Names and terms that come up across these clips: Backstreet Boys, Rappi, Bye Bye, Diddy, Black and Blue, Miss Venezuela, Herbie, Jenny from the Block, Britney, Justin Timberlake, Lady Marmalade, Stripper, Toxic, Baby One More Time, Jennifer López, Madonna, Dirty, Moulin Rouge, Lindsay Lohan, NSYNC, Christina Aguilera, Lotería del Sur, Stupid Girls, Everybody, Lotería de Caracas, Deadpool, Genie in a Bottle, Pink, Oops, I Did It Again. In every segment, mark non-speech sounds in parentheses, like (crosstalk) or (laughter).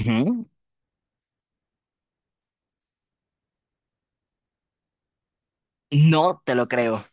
Ujú. No te lo creo.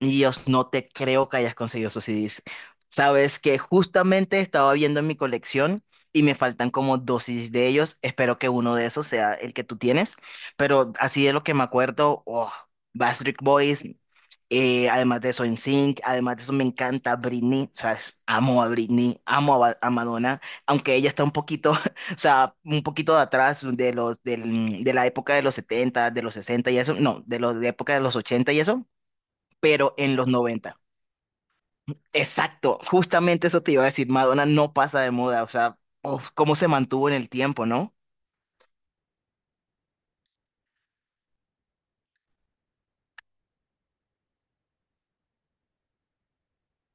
Dios, no te creo que hayas conseguido esos CDs. Sabes que justamente estaba viendo en mi colección y me faltan como dos CDs de ellos. Espero que uno de esos sea el que tú tienes. Pero así de lo que me acuerdo, oh, Backstreet Boys. Además de eso, NSYNC, además de eso, me encanta Britney, o sea, amo a Britney, amo a, a Madonna, aunque ella está un poquito, (laughs) o sea, un poquito de atrás de los, de la época de los 70 de los 60 y eso, no, de los, de época de los 80 y eso, pero en los noventa. Exacto, justamente eso te iba a decir, Madonna no pasa de moda, o sea, uf, cómo se mantuvo en el tiempo, ¿no?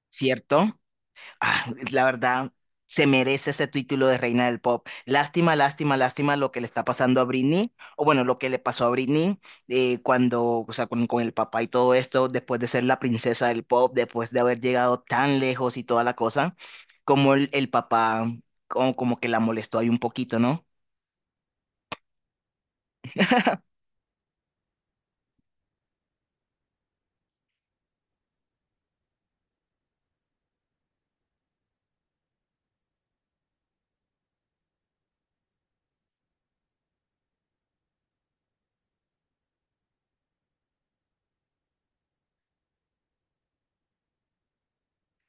¿Cierto? Ah, la verdad, se merece ese título de reina del pop. Lástima, lástima, lástima lo que le está pasando a Britney, o bueno, lo que le pasó a Britney cuando, o sea, con el papá y todo esto, después de ser la princesa del pop, después de haber llegado tan lejos y toda la cosa, como el papá, como, como que la molestó ahí un poquito, ¿no?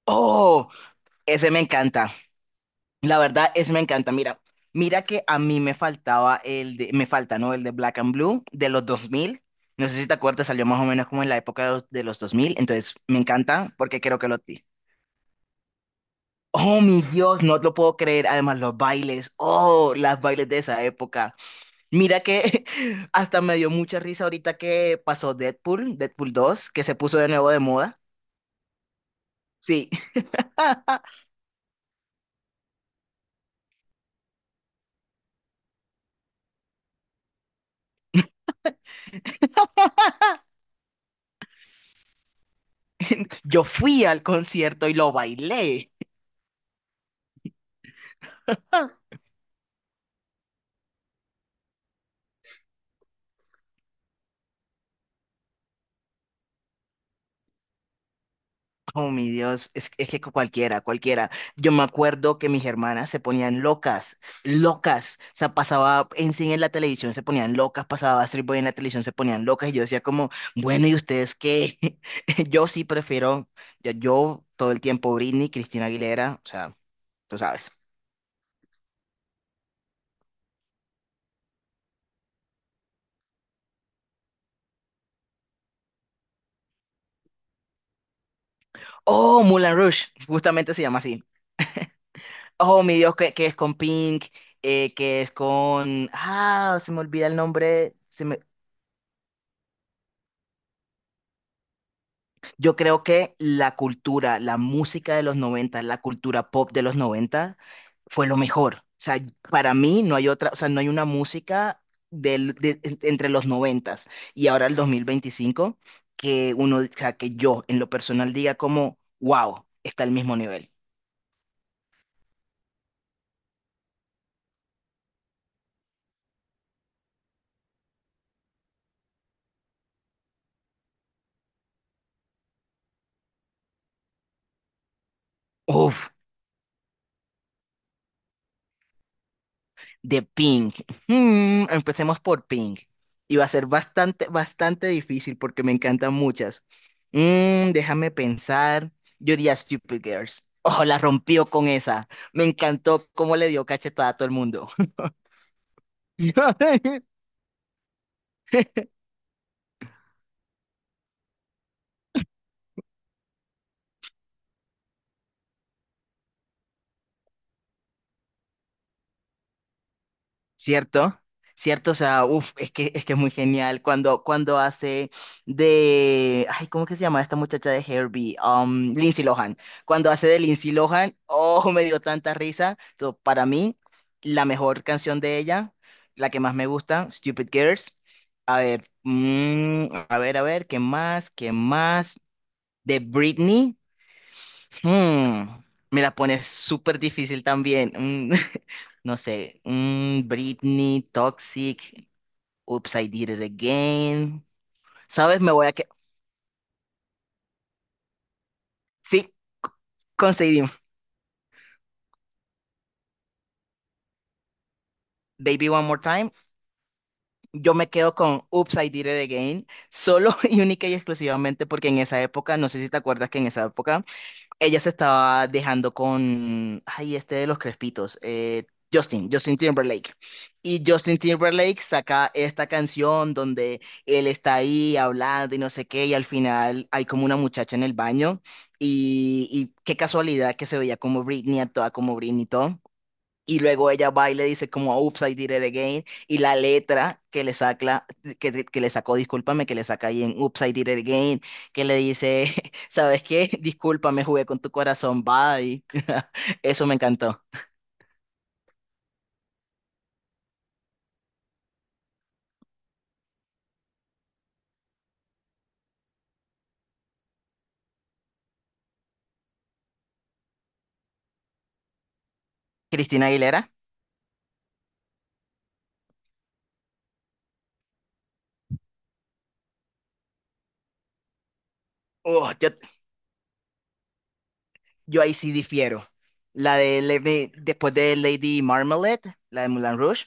Oh, ese me encanta. La verdad es me encanta. Mira, mira que a mí me faltaba el de, me falta, ¿no? El de Black and Blue de los 2000. No sé si te acuerdas, salió más o menos como en la época de los 2000. Entonces, me encanta porque creo que lo ti. Oh, mi Dios, no lo puedo creer. Además, los bailes. Oh, las bailes de esa época. Mira que (laughs) hasta me dio mucha risa ahorita que pasó Deadpool, Deadpool dos, que se puso de nuevo de moda. Sí. (laughs) Yo fui al concierto y lo bailé. (laughs) Oh, mi Dios, es que cualquiera, cualquiera. Yo me acuerdo que mis hermanas se ponían locas, locas. O sea, pasaba en cine en la televisión, se ponían locas, pasaba Street Boy en la televisión, se ponían locas. Y yo decía como, bueno, ¿y ustedes qué? (laughs) Yo sí prefiero, yo todo el tiempo Britney, Cristina Aguilera, o sea, tú sabes. Oh, Moulin Rouge, justamente se llama así. Oh, mi Dios, que es con Pink, que es con... Ah, se me olvida el nombre. Yo creo que la cultura, la música de los 90, la cultura pop de los 90, fue lo mejor. O sea, para mí no hay otra, o sea, no hay una música entre los 90 y ahora el 2025 que uno, o sea, que yo en lo personal diga como, wow, está al mismo nivel. Uf. De Pink. Hmm, empecemos por Pink. Y va a ser bastante, bastante difícil porque me encantan muchas. Déjame pensar. Yo diría Stupid Girls. Ojo, la rompió con esa. Me encantó cómo le dio cachetada a todo el mundo. (laughs) ¿Cierto? ¿Cierto? O sea, uff, es que es muy genial cuando hace de... Ay, ¿cómo que se llama esta muchacha de Herbie? Lindsay Lohan. Cuando hace de Lindsay Lohan, oh, (laughs) me dio tanta risa. So, para mí, la mejor canción de ella, la que más me gusta, Stupid Girls. A ver, mm, a ver, ¿qué más? ¿Qué más? De Britney. Mm, me la pones súper difícil también. Mm, (laughs) no sé. Britney, Toxic, Oops, I Did It Again. ¿Sabes? Me voy a que sí, conseguimos. Baby One More Time. Yo me quedo con Oops, I Did It Again. Solo (laughs) y única y exclusivamente porque en esa época, no sé si te acuerdas que en esa época ella se estaba dejando con, ay, este de los crespitos, Justin, Justin Timberlake. Y Justin Timberlake saca esta canción donde él está ahí hablando y no sé qué, y al final hay como una muchacha en el baño. Y qué casualidad que se veía como Britney, actuaba como Britney y todo. Y luego ella va y le dice como, oops, I did it again. Y la letra que le saca, que le sacó, discúlpame, que le saca ahí en oops, I did it again, que le dice, (laughs) ¿sabes qué? Discúlpame, jugué con tu corazón, bye. (laughs) Eso me encantó. Cristina Aguilera. Oh, yo ahí sí difiero. La de después de Lady Marmalade, la de Moulin Rouge.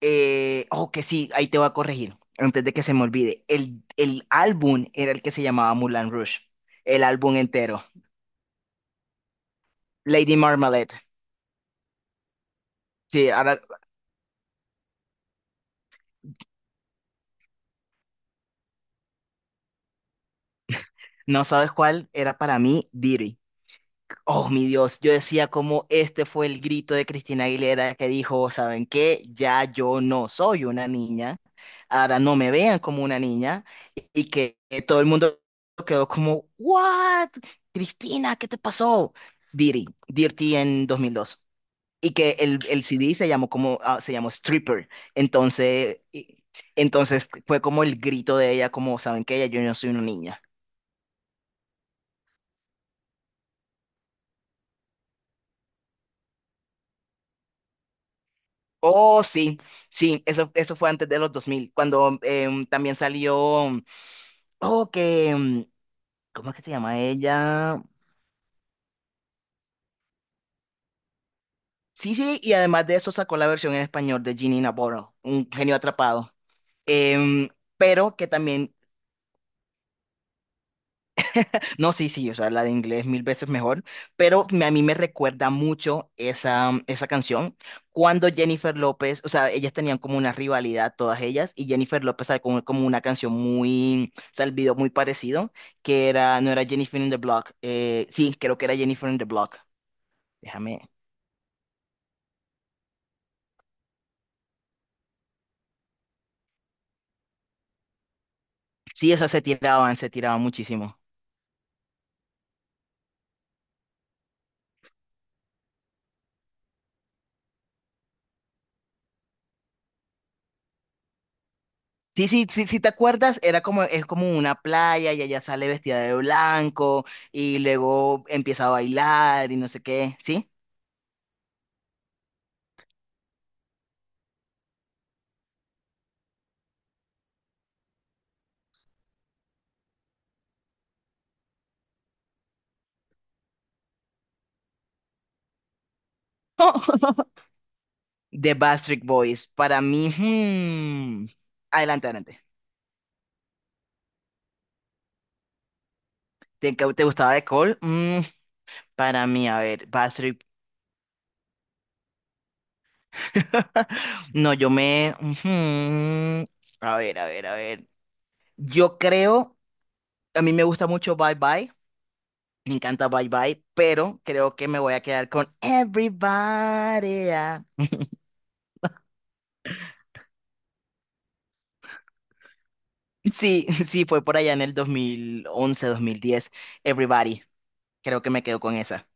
Oh, que sí, ahí te voy a corregir, antes de que se me olvide. El álbum era el que se llamaba Moulin Rouge, el álbum entero. Lady Marmalade. Sí, ahora no sabes cuál era para mí, Diddy. Oh, mi Dios, yo decía como este fue el grito de Cristina Aguilera que dijo, ¿saben qué? Ya yo no soy una niña, ahora no me vean como una niña y que todo el mundo quedó como, ¿what? Cristina, ¿qué te pasó? Diddy, Dirty en 2002. Y que el CD se llamó como, ah, se llamó Stripper. Entonces, y- entonces fue como el grito de ella, como, ¿saben qué? Ya yo no soy una niña. Oh, sí, sí, eso fue antes de los 2000 cuando también salió, oh, que, ¿cómo es que se llama ella? Sí, sí, y además de eso sacó la versión en español de Ginny in a Bottle, un genio atrapado. Em, pero que también no, sí, sí, o sea, la de inglés mil veces mejor, pero a mí me recuerda mucho esa, esa canción cuando Jennifer López, o sea, ellas tenían como una rivalidad todas ellas y Jennifer López sacó como, como una canción muy, o sea, el video muy parecido, que era, no era Jennifer in the Block, sí, creo que era Jennifer in the Block, déjame, sí, o sea, se tiraban muchísimo. Sí, sí, sí, si te acuerdas, era como, es como una playa y ella sale vestida de blanco y luego empieza a bailar y no sé qué, ¿sí? (laughs) The Backstreet Boys. Para mí, hmm, adelante, adelante. ¿Te, te gustaba The Call? Para mí, a ver, Backstreet. (laughs) No, yo me. Ujú. A ver, a ver, a ver. Yo creo. A mí me gusta mucho Bye Bye. Me encanta Bye Bye. Pero creo que me voy a quedar con Everybody. Ah. Sí, (laughs) sí, fue por allá en el 2011, 2010. Everybody. Creo que me quedo con esa.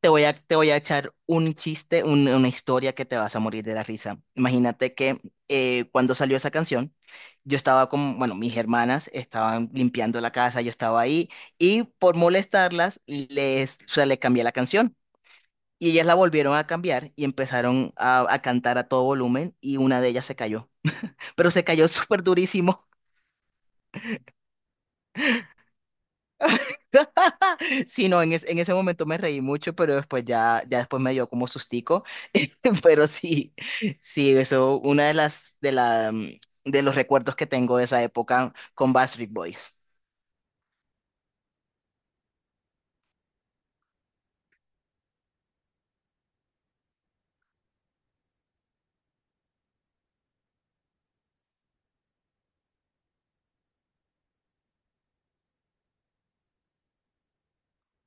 Te voy a echar un chiste, una historia que te vas a morir de la risa. Imagínate que cuando salió esa canción, yo estaba con, bueno, mis hermanas estaban limpiando la casa, yo estaba ahí y por molestarlas les, o sea, les cambié la canción. Y ellas la volvieron a cambiar y empezaron a cantar a todo volumen y una de ellas se cayó. Pero se cayó (laughs) súper durísimo. (laughs) Sí, no, en ese momento me reí mucho, pero después ya, ya después me dio como sustico. (laughs) Pero sí, sí, eso, una de las, de la, mm, de los recuerdos que tengo de esa época con Backstreet Boys.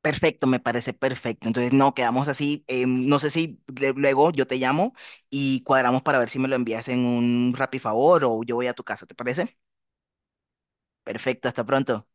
Perfecto, me parece perfecto. Entonces, no, quedamos así. No sé si luego yo te llamo y cuadramos para ver si me lo envías en un Rappi favor o yo voy a tu casa, ¿te parece? Perfecto, hasta pronto.